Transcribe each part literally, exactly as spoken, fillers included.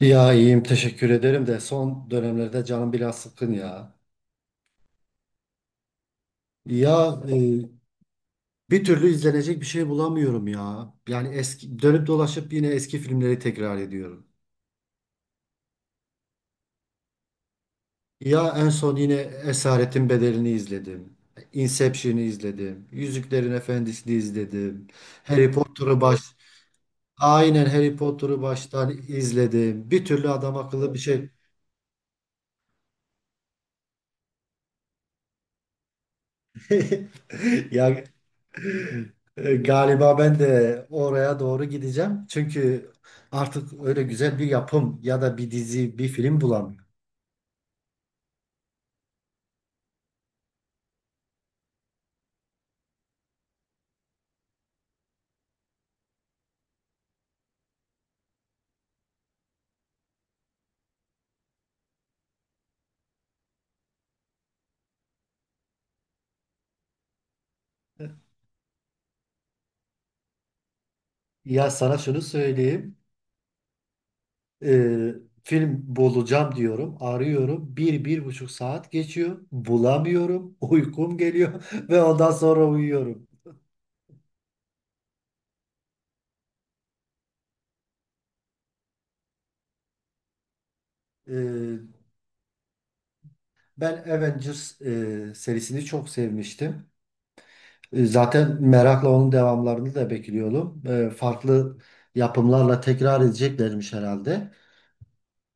Ya iyiyim, teşekkür ederim de son dönemlerde canım biraz sıkkın ya. Ya e, bir türlü izlenecek bir şey bulamıyorum ya. Yani eski dönüp dolaşıp yine eski filmleri tekrar ediyorum. Ya en son yine Esaretin Bedeli'ni izledim. Inception'ı izledim. Yüzüklerin Efendisi'ni izledim. Harry Potter'ı baş Aynen Harry Potter'ı baştan izledim. Bir türlü adam akıllı bir şey. Ya, E, galiba ben de oraya doğru gideceğim. Çünkü artık öyle güzel bir yapım ya da bir dizi, bir film bulamıyorum. Ya sana şunu söyleyeyim. e, Film bulacağım diyorum, arıyorum. Bir, bir buçuk saat geçiyor. Bulamıyorum. Uykum geliyor. Ve ondan sonra uyuyorum. E, Ben Avengers e, serisini çok sevmiştim. E, Zaten merakla onun devamlarını da bekliyorum. E, Farklı yapımlarla tekrar edeceklermiş herhalde.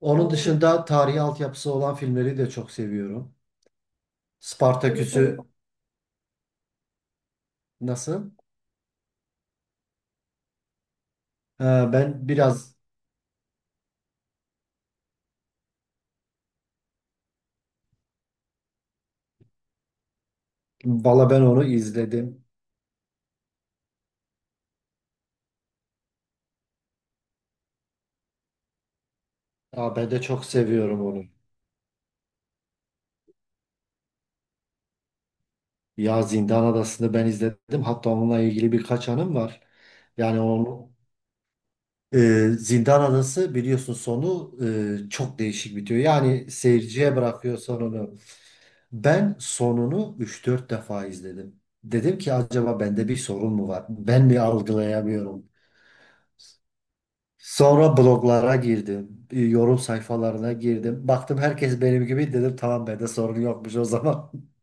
Onun Oo, dışında tarihi altyapısı olan filmleri de çok seviyorum. Tabii tabii. Spartaküs'ü nasıl? E, Ben biraz, Valla ben onu izledim. Aa, ben de çok seviyorum onu. Ya Zindan Adası'nı ben izledim. Hatta onunla ilgili birkaç anım var. Yani onu e, Zindan Adası biliyorsun, sonu e, çok değişik bitiyor. Yani seyirciye bırakıyor sonunu. Ben sonunu üç dört defa izledim. Dedim ki acaba bende bir sorun mu var? Ben mi algılayamıyorum? Sonra bloglara girdim. e, Yorum sayfalarına girdim. Baktım herkes benim gibi, dedim tamam bende sorun yokmuş o zaman.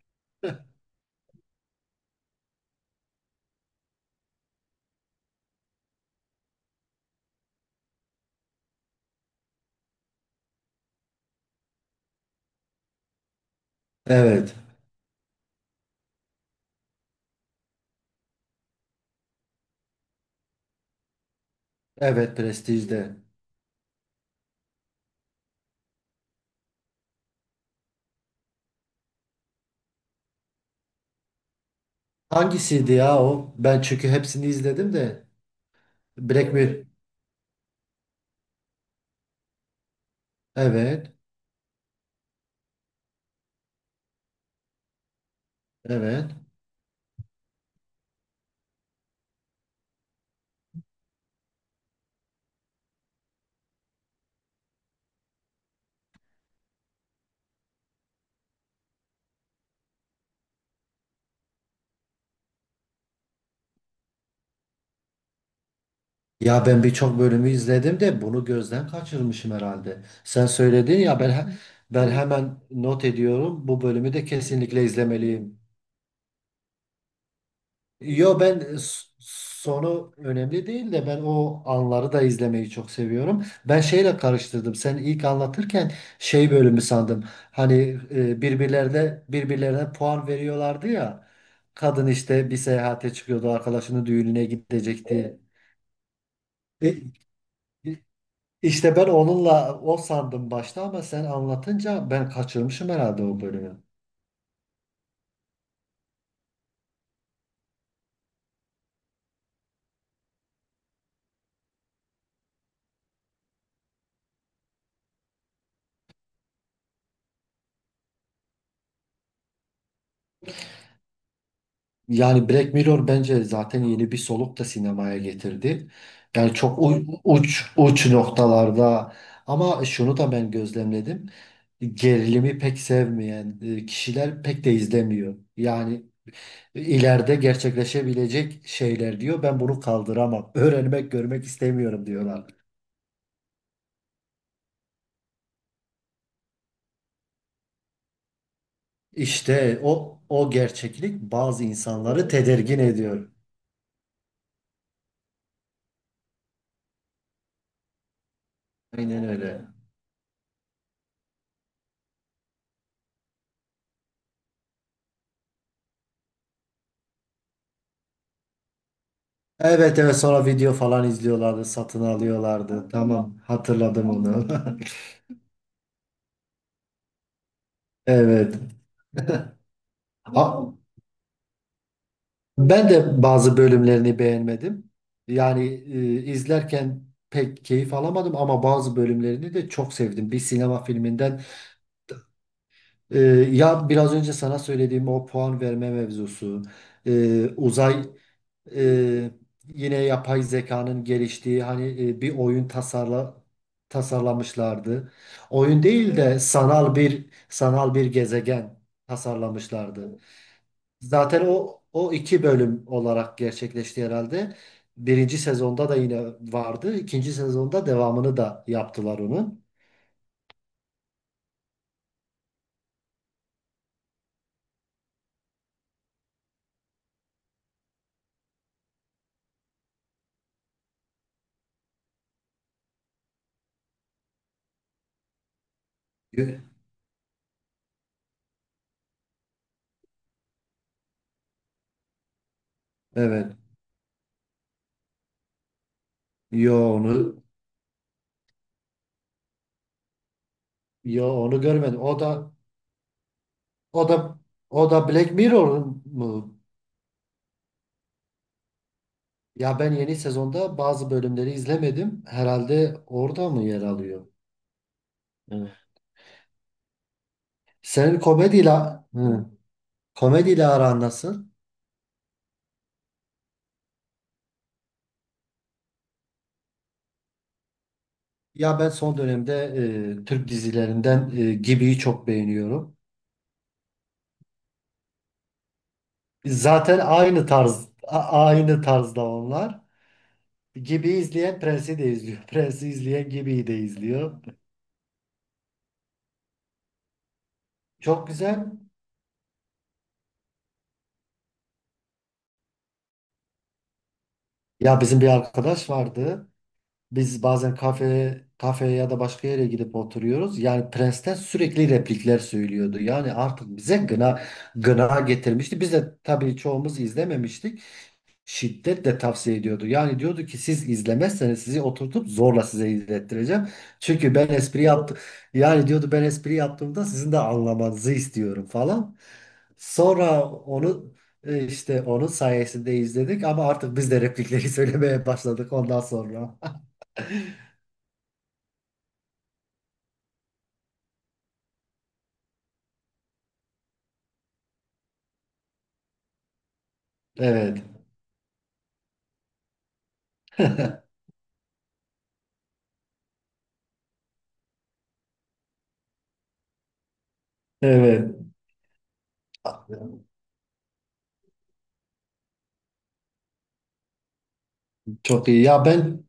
Evet. Evet, Prestige'de. Hangisiydi ya o? Ben çünkü hepsini izledim de. Black Mirror. Evet. Evet. Ya ben birçok bölümü izledim de bunu gözden kaçırmışım herhalde. Sen söyledin ya, ben he- ben hemen not ediyorum. Bu bölümü de kesinlikle izlemeliyim. Yo, ben s- sonu önemli değil de ben o anları da izlemeyi çok seviyorum. Ben şeyle karıştırdım. Sen ilk anlatırken şey bölümü sandım. Hani e, birbirlerine birbirlerine puan veriyorlardı ya. Kadın işte bir seyahate çıkıyordu, arkadaşının düğününe gidecekti. E, İşte ben onunla o sandım başta ama sen anlatınca ben kaçırmışım herhalde o bölümü. Yani Black Mirror bence zaten yeni bir soluk da sinemaya getirdi. Yani çok u- uç uç noktalarda ama şunu da ben gözlemledim. Gerilimi pek sevmeyen e, kişiler pek de izlemiyor. Yani ileride gerçekleşebilecek şeyler diyor. Ben bunu kaldıramam. Öğrenmek, görmek istemiyorum diyorlar. İşte o o gerçeklik bazı insanları tedirgin ediyor. Aynen öyle. Evet, evet, sonra video falan izliyorlardı, satın alıyorlardı. Tamam, hatırladım onu. Evet. A- Ben de bazı bölümlerini beğenmedim. Yani e, izlerken pek keyif alamadım ama bazı bölümlerini de çok sevdim. Bir sinema filminden e, ya biraz önce sana söylediğim o puan verme mevzusu, e, uzay Ee, yine yapay zekanın geliştiği, hani e, bir oyun tasarla tasarlamışlardı. Oyun değil de sanal bir sanal bir gezegen tasarlamışlardı. Zaten o o iki bölüm olarak gerçekleşti herhalde. Birinci sezonda da yine vardı. İkinci sezonda devamını da yaptılar onun. Gö- Evet. Yo onu yo onu görmedim. O da o da o da Black Mirror'un mu? Ya ben yeni sezonda bazı bölümleri izlemedim. Herhalde orada mı yer alıyor? Evet. Senin komediyle, hı, komediyle aran nasıl? Ya ben son dönemde e, Türk dizilerinden e, Gibi'yi çok beğeniyorum. Zaten aynı tarz, a- aynı tarzda onlar. Gibi izleyen Prens'i de izliyor. Prens'i izleyen Gibi'yi de izliyor. Çok güzel. Ya bizim bir arkadaş vardı. Biz bazen kafeye, kafeye ya da başka yere gidip oturuyoruz. Yani Prens'ten sürekli replikler söylüyordu. Yani artık bize gına gına getirmişti. Biz de tabii çoğumuz izlememiştik. Şiddetle tavsiye ediyordu. Yani diyordu ki siz izlemezseniz sizi oturtup zorla size izlettireceğim. Çünkü ben espri yaptım. Yani diyordu ben espri yaptığımda sizin de anlamanızı istiyorum falan. Sonra onu e, işte onun sayesinde izledik ama artık biz de replikleri söylemeye başladık ondan sonra. Evet. Evet. Çok iyi. Ya ben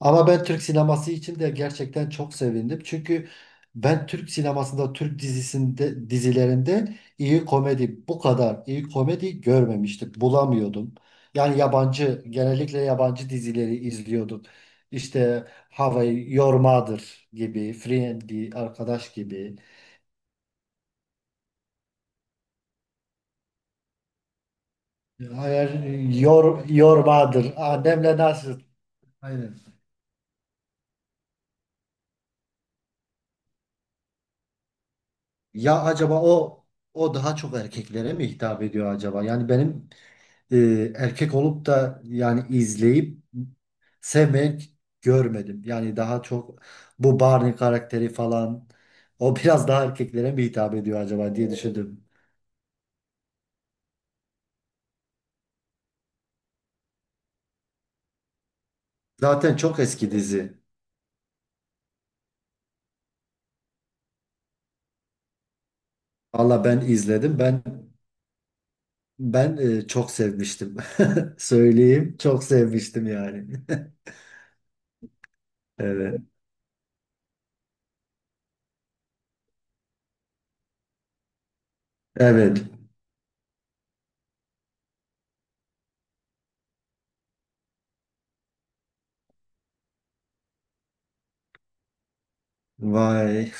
ama ben Türk sineması için de gerçekten çok sevindim. Çünkü ben Türk sinemasında, Türk dizisinde, dizilerinde iyi komedi, bu kadar iyi komedi görmemiştim. Bulamıyordum. Yani yabancı, genellikle yabancı dizileri izliyorduk. İşte Hawaii Your Mother gibi, Friendly, Arkadaş gibi. Hayır, Your, Your Mother, Annemle Nasıl. Aynen. Ya acaba o o daha çok erkeklere mi hitap ediyor acaba? Yani benim e, erkek olup da yani izleyip sevmek görmedim. Yani daha çok bu Barney karakteri falan o, biraz daha erkeklere mi hitap ediyor acaba diye düşündüm. Zaten çok eski dizi. Valla ben izledim. Ben ben e, çok sevmiştim. Söyleyeyim, çok sevmiştim yani. Evet. Evet. Vay.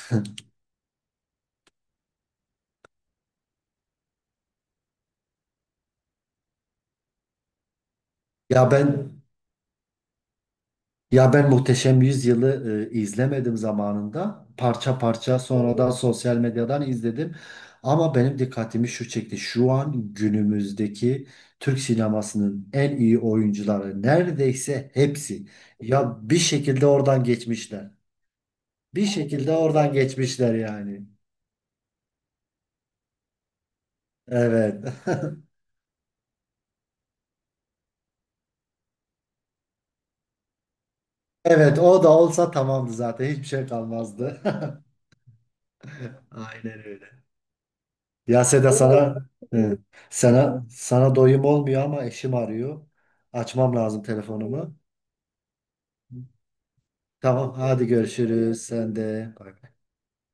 Ya ben Ya ben Muhteşem Yüzyıl'ı e, izlemedim zamanında. Parça parça sonradan sosyal medyadan izledim. Ama benim dikkatimi şu çekti. Şu an günümüzdeki Türk sinemasının en iyi oyuncuları neredeyse hepsi. Ya bir şekilde oradan geçmişler. Bir şekilde oradan geçmişler yani. Evet. Evet, o da olsa tamamdı zaten. Hiçbir şey kalmazdı. Aynen öyle. Ya Seda sana e, sana sana doyum olmuyor ama eşim arıyor. Açmam lazım telefonumu. Tamam, hadi görüşürüz sen de. Bay bay.